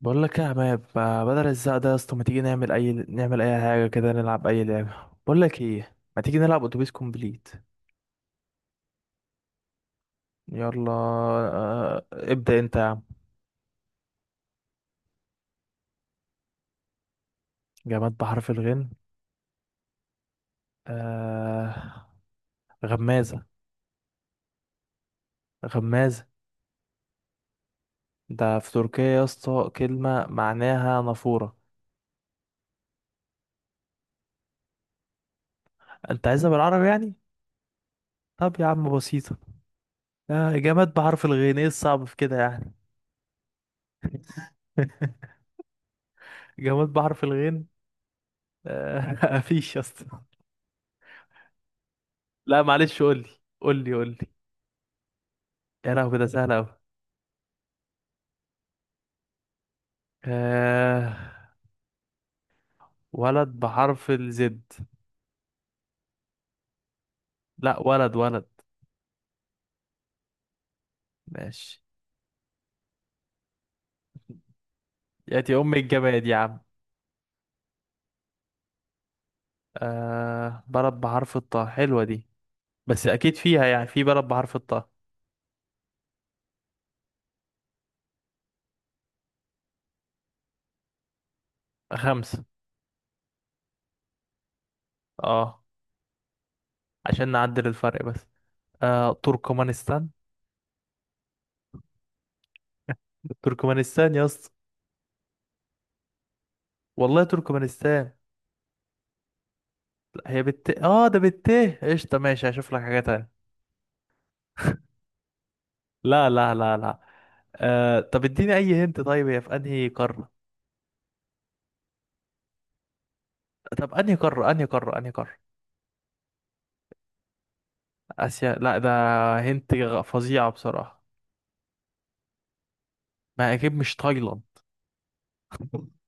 بقول لك إيه يا عماد؟ ما بدل الزق ده يا اسطى، ما تيجي نعمل اي حاجه كده، نلعب اي لعبه. بقول لك ايه، ما تيجي نلعب اتوبيس كومبليت. يلا. ابدا انت يا عم. جماد بحرف الغين. آه... غمازه. غمازه. ده في تركيا يا اسطى كلمه معناها نافوره. انت عايزها بالعربي يعني؟ طب يا عم بسيطه. جماد بحرف الغين، ايه الصعب في كده يعني؟ جماد بحرف الغين. مفيش يا اسطى. لا معلش، قول لي، قول لي، قول لي. يا لهوي، ده سهل أوي. آه... ولد بحرف الزد. لا، ولد، ولد. ماشي. ياتي أم الجماد يا عم. بلد بحرف الطاء، حلوة دي. بس أكيد فيها، يعني في بلد بحرف الطاء. خمسة. اه، عشان نعدل الفرق بس. تركمانستان. تركمانستان يا اسطى. والله تركمانستان. لا، هي بالت، ده بالت. قشطة ماشي، هشوف لك حاجة تانية. لا، لا، لا، لا. طب اديني أي هنت، طيب هي في أنهي قارة؟ طب أنهي قارة، أنهي قارة، أنهي قارة؟ آسيا، لا ده. هنت فظيعة بصراحة. ما أكيد مش تايلاند.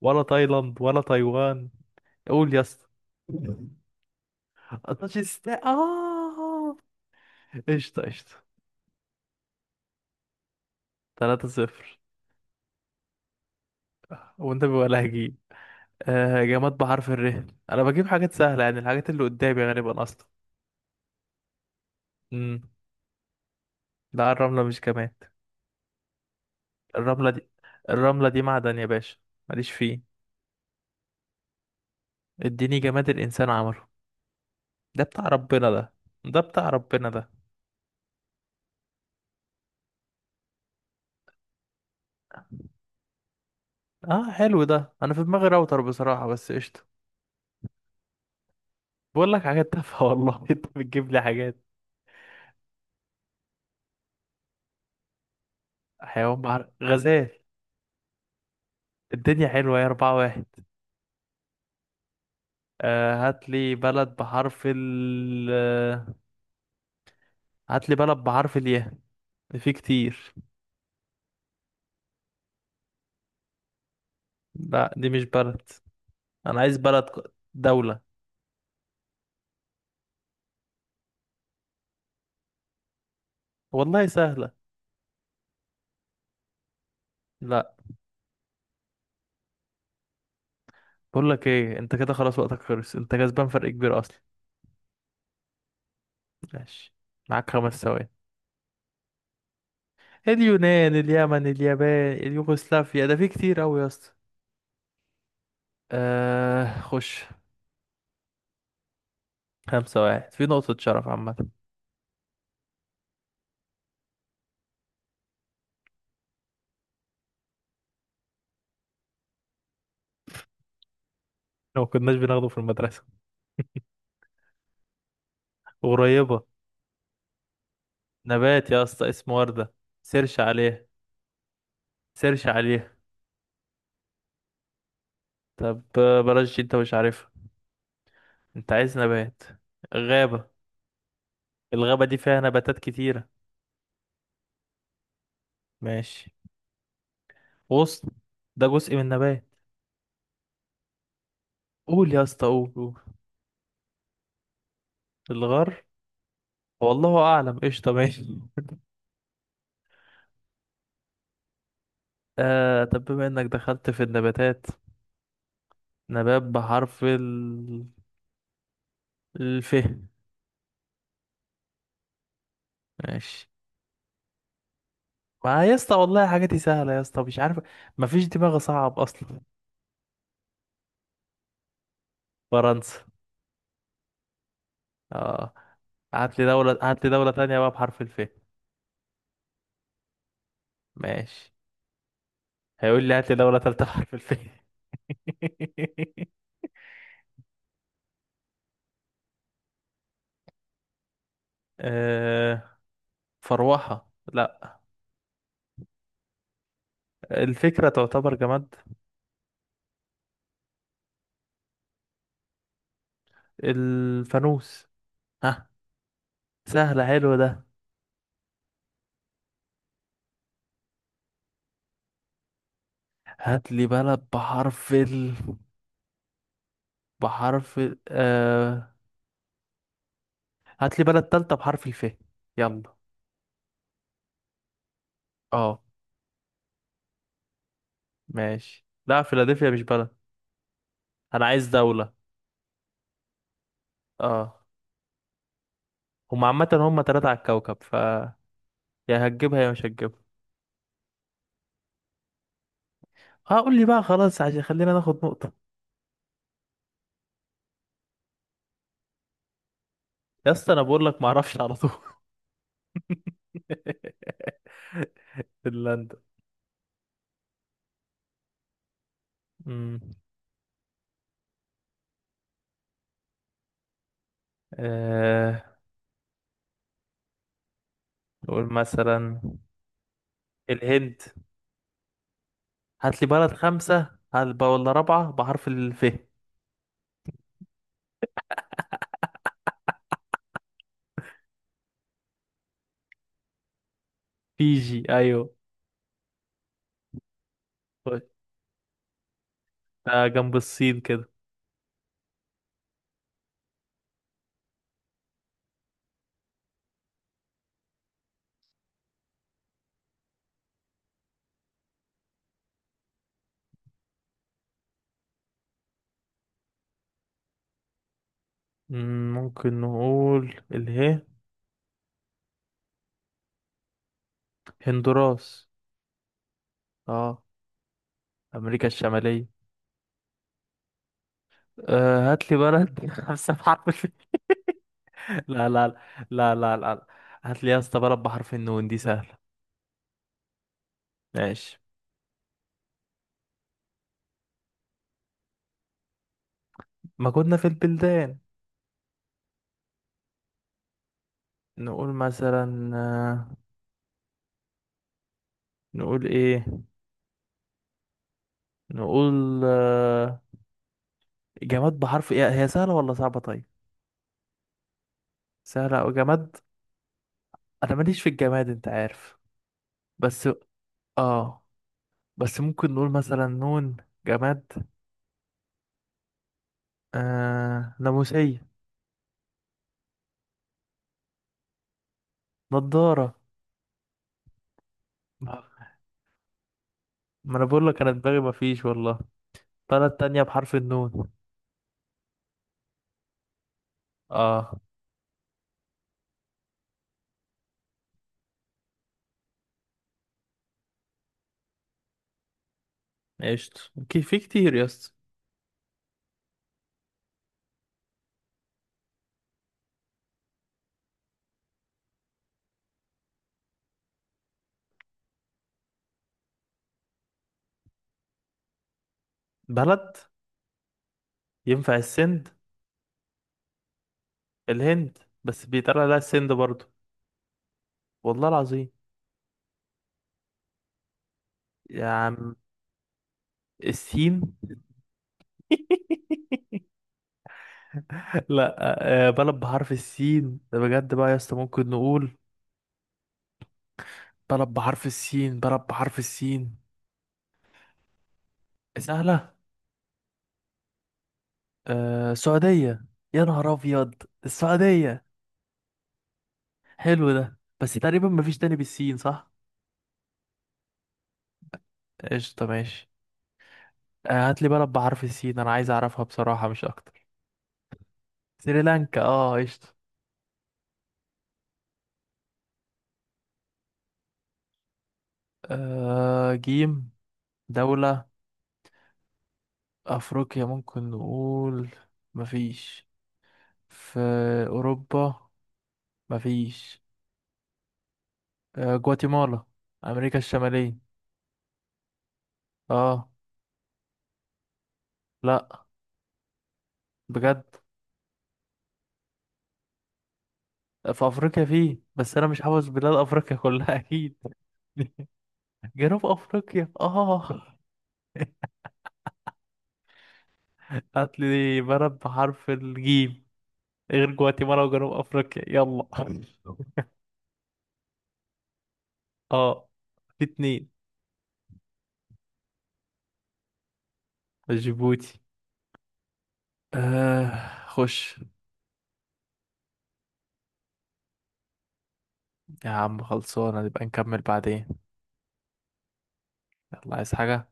ولا تايلاند ولا تايوان. قول يا اسطى. طاجستا قشطة، قشطة. 3 صفر. وأنت بيبقى لهجي. جماد بحرف الر. أنا بجيب حاجات سهلة، يعني الحاجات اللي قدامي غالبا أصلا. امم. لا الرملة مش جماد. الرملة دي الرملة دي معدن يا باشا. ماليش فيه. اديني جماد الإنسان عمله. ده بتاع ربنا ده، ده بتاع ربنا ده. اه حلو ده، انا في دماغي راوتر بصراحة، بس قشطة. بقول لك حاجات تافهة والله. انت بتجيب لي حاجات. حيوان بحر غزال. الدنيا حلوة، يا 4-1. آه هات لي بلد بحرف ال آه، هات لي بلد بحرف الياء. في كتير. لا دي مش بلد. انا عايز بلد دولة. والله سهلة. لا. بقول لك ايه، انت كده خلاص، وقتك خلص، انت كسبان فرق كبير اصلا. ماشي. معاك 5 ثواني. اليونان، اليمن، اليابان، اليوغوسلافيا، ده في كتير قوي يا اسطى. خش. 5-1، في نقطة شرف عامة. لو ما كناش بناخده في المدرسة. قريبة. نبات يا اسطى اسمه وردة. سيرش عليه، سيرش عليه. طب بلاش دي، انت مش عارفها. انت عايز نبات؟ غابة. الغابة دي فيها نباتات كتيرة. ماشي. غصن. ده جزء من النبات. قول يا اسطى، قول، قول. الغر. والله أعلم. قشطة ماشي. طب بما انك دخلت في النباتات، نبات بحرف الف. ماشي. ما يا اسطى والله حاجاتي سهلة يا اسطى، مش عارف. ما فيش دماغ صعب أصلا. فرنسا. اه. هات لي دولة تانية بقى بحرف الف. ماشي. هيقول لي هات لي دولة تالتة بحرف الف. آه فروحة، لا. الفكرة تعتبر جماد. الفانوس. ها. سهلة، حلو ده. هات لي بلد بحرف ال بحرف ال... آه هات لي بلد تالتة بحرف الف. يلا. اه. ماشي. لا فيلادلفيا مش بلد. انا عايز دولة. اه. هم عامة، هم تلاتة على الكوكب. يا هتجيبها يا مش هتجيبها. اه قول لي بقى خلاص، عشان خلينا ناخد نقطة. يا اسطى انا بقول لك ما اعرفش على طول. فنلندا. امم. آه نقول مثلا الهند. هات لي بلد خمسة، هات بقى ولا رابعة بحرف الف. فيجي، ايوه. ده جنب الصين كده. ممكن نقول اله. هندوراس. اه، امريكا الشمالية. هات لي بلد خمسة بحرف. لا، لا، لا، لا، لا. هات لي يا اسطى بلد بحرف النون، دي سهلة. ماشي. ما كنا في البلدان. نقول مثلا، نقول ايه، نقول، آه، جماد بحرف ايه، هي سهلة ولا صعبة؟ طيب. سهلة او جماد. انا ماليش في الجماد، انت عارف. بس اه بس ممكن نقول مثلا نون. جماد. ناموسية. نضارة. ما ما انا بقول لك انا دماغي مفيش والله. بلد تانية بحرف النون. اه. قشطة اوكي، في كتير يا اسطى. بلد. ينفع السند. الهند، بس بيتقال لها السند برضو. والله العظيم. يا عم. السين. لا. بلد بحرف السين، ده بجد بقى يا اسطى، ممكن نقول. بلد بحرف السين، بلد بحرف السين. سهلة. السعودية. يا نهار أبيض. السعودية. حلو ده، بس تقريبا مفيش تاني بالسين صح؟ قشطة ماشي. هات لي بلد بحرف السين، أنا عايز أعرفها بصراحة مش أكتر. سريلانكا، اه قشطة. جيم. دولة. أفريقيا ممكن نقول، مفيش. في أوروبا مفيش. جواتيمالا، أمريكا الشمالية. اه. لأ. بجد. في أفريقيا فيه، بس أنا مش حافظ بلاد أفريقيا كلها أكيد. جنوب أفريقيا، اه. هاتلي بلد بحرف الجيم غير جواتيمالا وجنوب أفريقيا، يلا. اه، في اتنين. جيبوتي. خش. يا عم خلصانة، نبقى نكمل بعدين. يلا، عايز حاجة؟